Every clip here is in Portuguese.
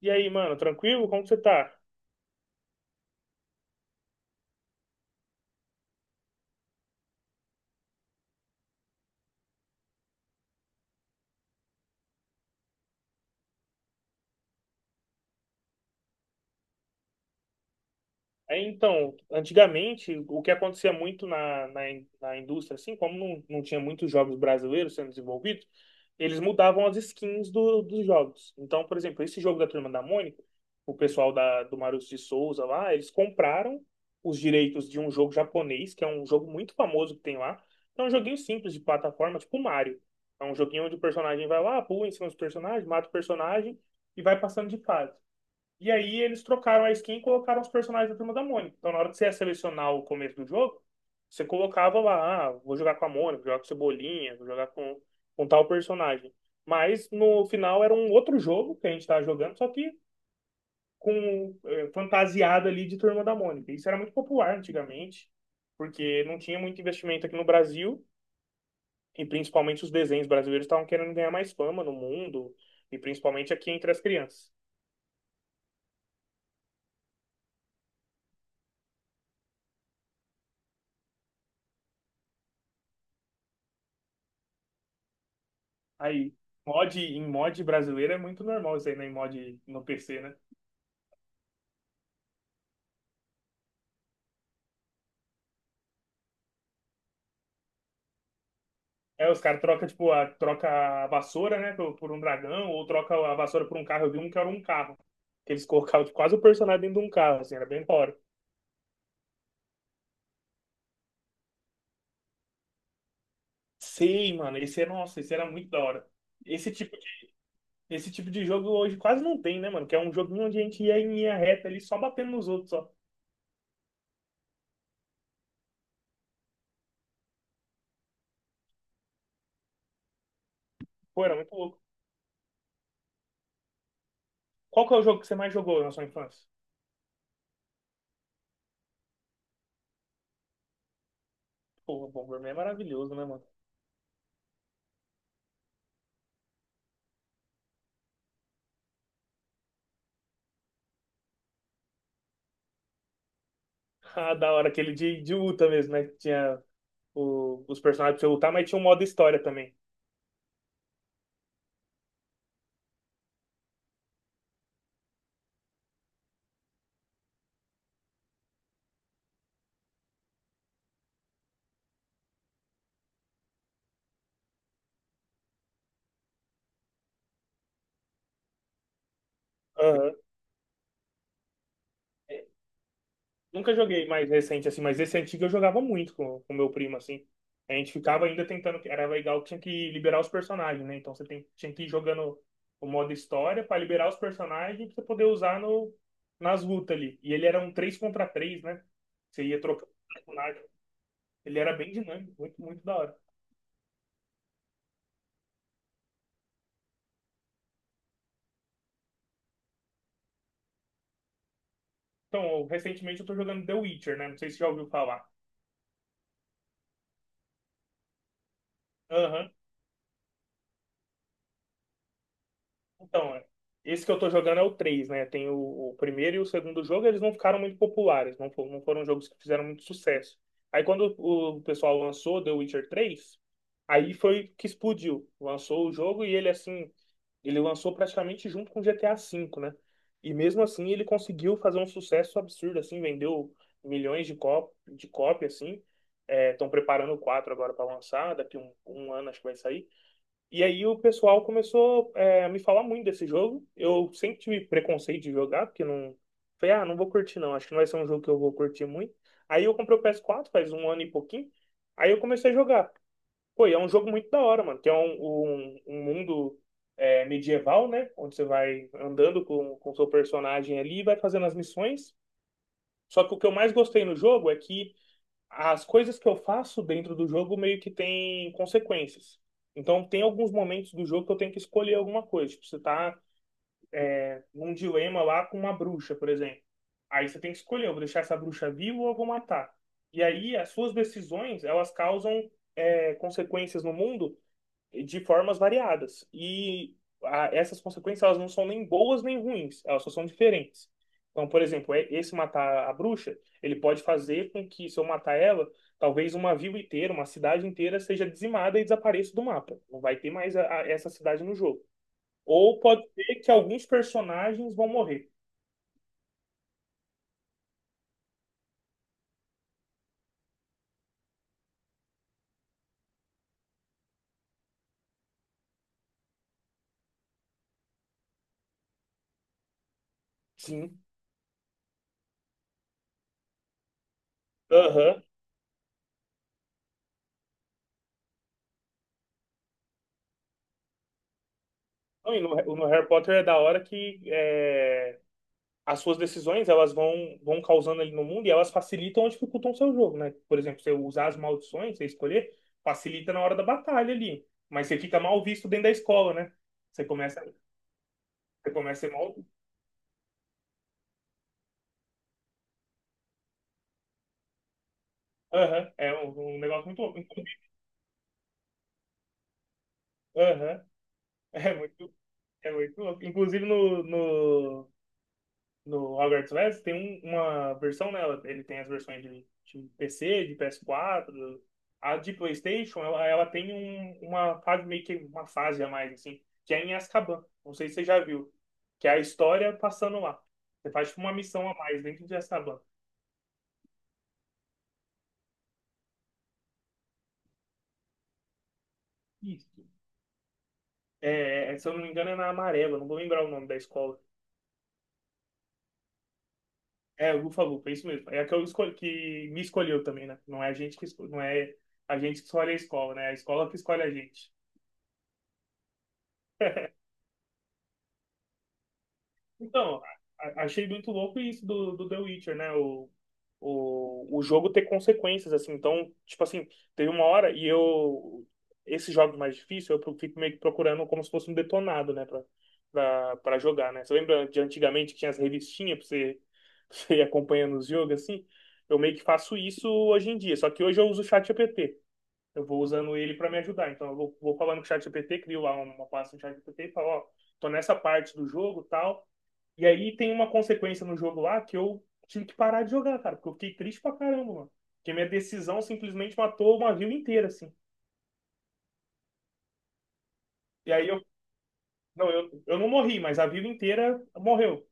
E aí, mano, tranquilo? Como que você tá? É, então, antigamente, o que acontecia muito na indústria, assim, como não tinha muitos jogos brasileiros sendo desenvolvidos, eles mudavam as skins dos jogos. Então, por exemplo, esse jogo da Turma da Mônica, o pessoal do Maurício de Souza lá, eles compraram os direitos de um jogo japonês, que é um jogo muito famoso que tem lá. É um joguinho simples de plataforma, tipo Mario. É um joguinho onde o personagem vai lá, pula em cima dos personagens, mata o personagem e vai passando de fase. E aí eles trocaram a skin e colocaram os personagens da Turma da Mônica. Então na hora que você ia selecionar o começo do jogo, você colocava lá, ah, vou jogar com a Mônica, vou jogar com o Cebolinha, vou jogar com tal personagem. Mas no final era um outro jogo que a gente estava jogando, só que com fantasiado ali de Turma da Mônica. Isso era muito popular antigamente, porque não tinha muito investimento aqui no Brasil, e principalmente os desenhos brasileiros estavam querendo ganhar mais fama no mundo, e principalmente aqui entre as crianças. Aí, em mod brasileiro é muito normal isso aí, né? Em mod no PC, né? É, os caras trocam, tipo, troca a vassoura, né, por um dragão, ou troca a vassoura por um carro. Eu vi um que era um carro. Que eles colocavam tipo, quase o personagem dentro de um carro, assim, era bem da hora. Sei, mano, nossa, esse era muito da hora. Esse tipo de, esse tipo de jogo hoje quase não tem, né, mano? Que é um joguinho onde a gente ia em linha reta ali, só batendo nos outros, ó. Pô, era muito louco. Qual que é o jogo que você mais jogou na sua infância? Pô, o Bomberman é maravilhoso, né, mano? Ah, da hora, aquele de luta mesmo, né? Que tinha os personagens pra você lutar, mas tinha um modo história também. Aham. É, nunca joguei mais recente, assim, mas esse antigo eu jogava muito com o meu primo, assim. A gente ficava ainda tentando, era legal que tinha que liberar os personagens, né? Então você tinha que ir jogando o modo história pra liberar os personagens pra você poder usar no, nas lutas ali. E ele era um 3 contra 3, né? Você ia trocando personagem. Ele era bem dinâmico, muito, muito da hora. Então, recentemente eu tô jogando The Witcher, né? Não sei se você já ouviu falar. Aham. Então, é, esse que eu tô jogando é o 3, né? Tem o primeiro e o segundo jogo, eles não ficaram muito populares, não, não foram jogos que fizeram muito sucesso. Aí quando o pessoal lançou The Witcher 3, aí foi que explodiu. Lançou o jogo e ele assim, ele lançou praticamente junto com GTA V, né? E mesmo assim ele conseguiu fazer um sucesso absurdo, assim, vendeu milhões de cópias, assim. Estão preparando o 4 agora para lançar, daqui um ano acho que vai sair. E aí o pessoal começou a me falar muito desse jogo. Eu sempre tive preconceito de jogar, porque não. Falei, ah, não vou curtir não, acho que não vai ser um jogo que eu vou curtir muito. Aí eu comprei o PS4 faz um ano e pouquinho. Aí eu comecei a jogar. Pô, e é um jogo muito da hora, mano. Tem um mundo medieval, né? Onde você vai andando com o seu personagem ali e vai fazendo as missões. Só que o que eu mais gostei no jogo é que as coisas que eu faço dentro do jogo meio que tem consequências. Então, tem alguns momentos do jogo que eu tenho que escolher alguma coisa. Tipo, você tá num dilema lá com uma bruxa, por exemplo. Aí você tem que escolher, eu vou deixar essa bruxa viva ou eu vou matar. E aí, as suas decisões, elas causam consequências no mundo de formas variadas. E essas consequências, elas não são nem boas nem ruins, elas só são diferentes. Então, por exemplo, esse matar a bruxa, ele pode fazer com que, se eu matar ela, talvez uma vila inteira, uma cidade inteira seja dizimada e desapareça do mapa. Não vai ter mais essa cidade no jogo. Ou pode ser que alguns personagens vão morrer. Sim. Aham. Não, e no Harry Potter é da hora que as suas decisões elas vão causando ali no mundo e elas facilitam ou dificultam o seu jogo, né? Por exemplo, você usar as maldições, você escolher, facilita na hora da batalha ali. Mas você fica mal visto dentro da escola, né? Você começa, você começa a ser mal. Aham, é um negócio muito louco. Aham, é muito louco. Inclusive no Hogwarts Legacy tem uma versão nela. Ele tem as versões de PC, de PS4. A de PlayStation, ela tem uma fase, meio que uma fase a mais, assim, que é em Azkaban. Não sei se você já viu. Que é a história passando lá. Você faz tipo, uma missão a mais dentro de Azkaban. Isso. É, é, se eu não me engano, é na Amarela, não vou lembrar o nome da escola. É, Lufa Lufa, é isso mesmo. É a que, eu escolhi, que me escolheu também, né? Não é a gente que, não é a gente que escolhe a escola, né? É a escola que escolhe a gente. Então, achei muito louco isso do The Witcher, né? O jogo ter consequências, assim. Então, tipo assim, teve uma hora e eu. Esses jogos mais difíceis, eu fico meio que procurando como se fosse um detonado, né? Pra jogar, né? Você lembra de antigamente que tinha as revistinhas pra você, pra você ir acompanhando os jogos, assim? Eu meio que faço isso hoje em dia. Só que hoje eu uso o ChatGPT. Eu vou usando ele pra me ajudar. Então, eu vou falando com o ChatGPT, crio lá uma pasta no ChatGPT e falo, ó, tô nessa parte do jogo, tal. E aí tem uma consequência no jogo lá que eu tive que parar de jogar, cara, porque eu fiquei triste pra caramba, mano. Porque minha decisão simplesmente matou uma vila inteira, assim. E aí eu. Não, eu não morri, mas a vila inteira morreu.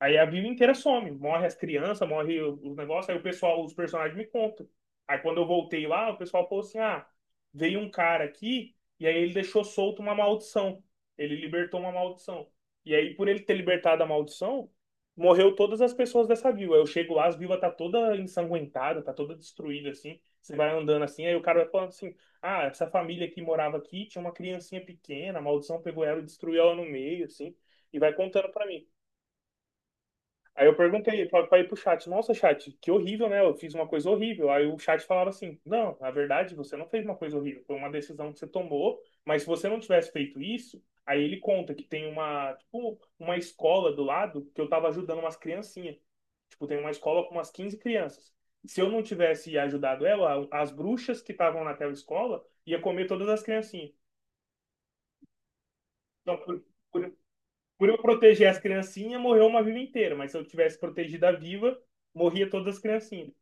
Aí a vila inteira some, morre as crianças, morre os negócios, aí o pessoal, os personagens me contam. Aí quando eu voltei lá, o pessoal falou assim: ah, veio um cara aqui e aí ele deixou solto uma maldição. Ele libertou uma maldição. E aí, por ele ter libertado a maldição, morreu todas as pessoas dessa vila. Eu chego lá, as vilas tá toda ensanguentada, tá toda destruída, assim. Você vai andando assim, aí o cara vai falando assim: ah, essa família que morava aqui tinha uma criancinha pequena, a maldição pegou ela e destruiu ela no meio, assim, e vai contando pra mim. Aí eu perguntei pra ir pro chat, nossa, chat, que horrível, né? Eu fiz uma coisa horrível. Aí o chat falava assim, não, na verdade, você não fez uma coisa horrível, foi uma decisão que você tomou, mas se você não tivesse feito isso, aí ele conta que tem uma, tipo, uma escola do lado que eu tava ajudando umas criancinhas. Tipo, tem uma escola com umas 15 crianças. Se eu não tivesse ajudado ela, as bruxas que estavam naquela escola ia comer todas as criancinhas. Então, por, por eu proteger as criancinhas, morreu uma viva inteira. Mas se eu tivesse protegido a viva, morria todas as criancinhas.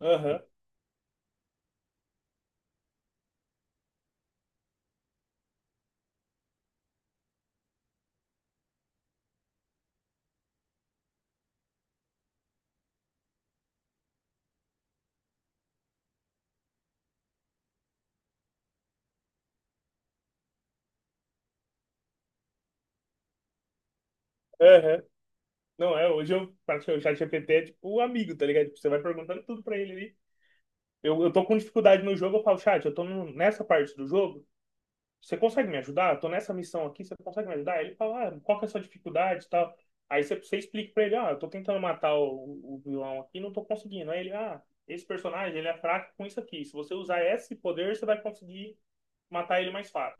Aham, aham. Não, é, hoje eu, praticamente, o chat GPT é tipo o amigo, tá ligado? Tipo, você vai perguntando tudo pra ele ali. Eu tô com dificuldade no jogo, eu falo, chat, eu tô nessa parte do jogo, você consegue me ajudar? Eu tô nessa missão aqui, você consegue me ajudar? Aí ele fala, ah, qual que é a sua dificuldade e tal. Aí você explica pra ele, ah, eu tô tentando matar o vilão aqui, e não tô conseguindo. Aí ele, ah, esse personagem, ele é fraco com isso aqui. Se você usar esse poder, você vai conseguir matar ele mais fácil.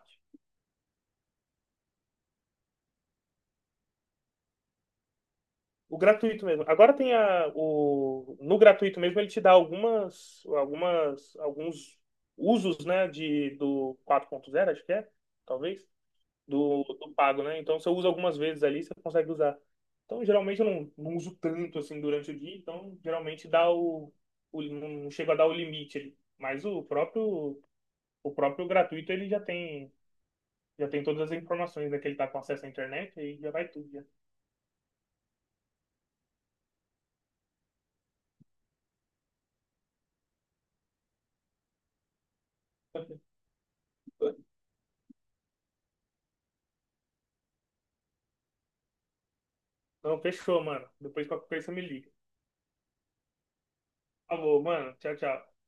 O gratuito mesmo. Agora tem no gratuito mesmo, ele te dá alguns usos, né, do 4.0 acho que é, talvez. do pago, né? Então você usa algumas vezes ali, você consegue usar. Então geralmente eu não uso tanto assim durante o dia, então geralmente dá o não chego a dar o limite ali. Mas o próprio gratuito ele já tem todas as informações, né? Que ele tá com acesso à internet e já vai tudo já. Então fechou, mano. Depois qualquer coisa você me liga. Tá bom, mano. Tchau, tchau.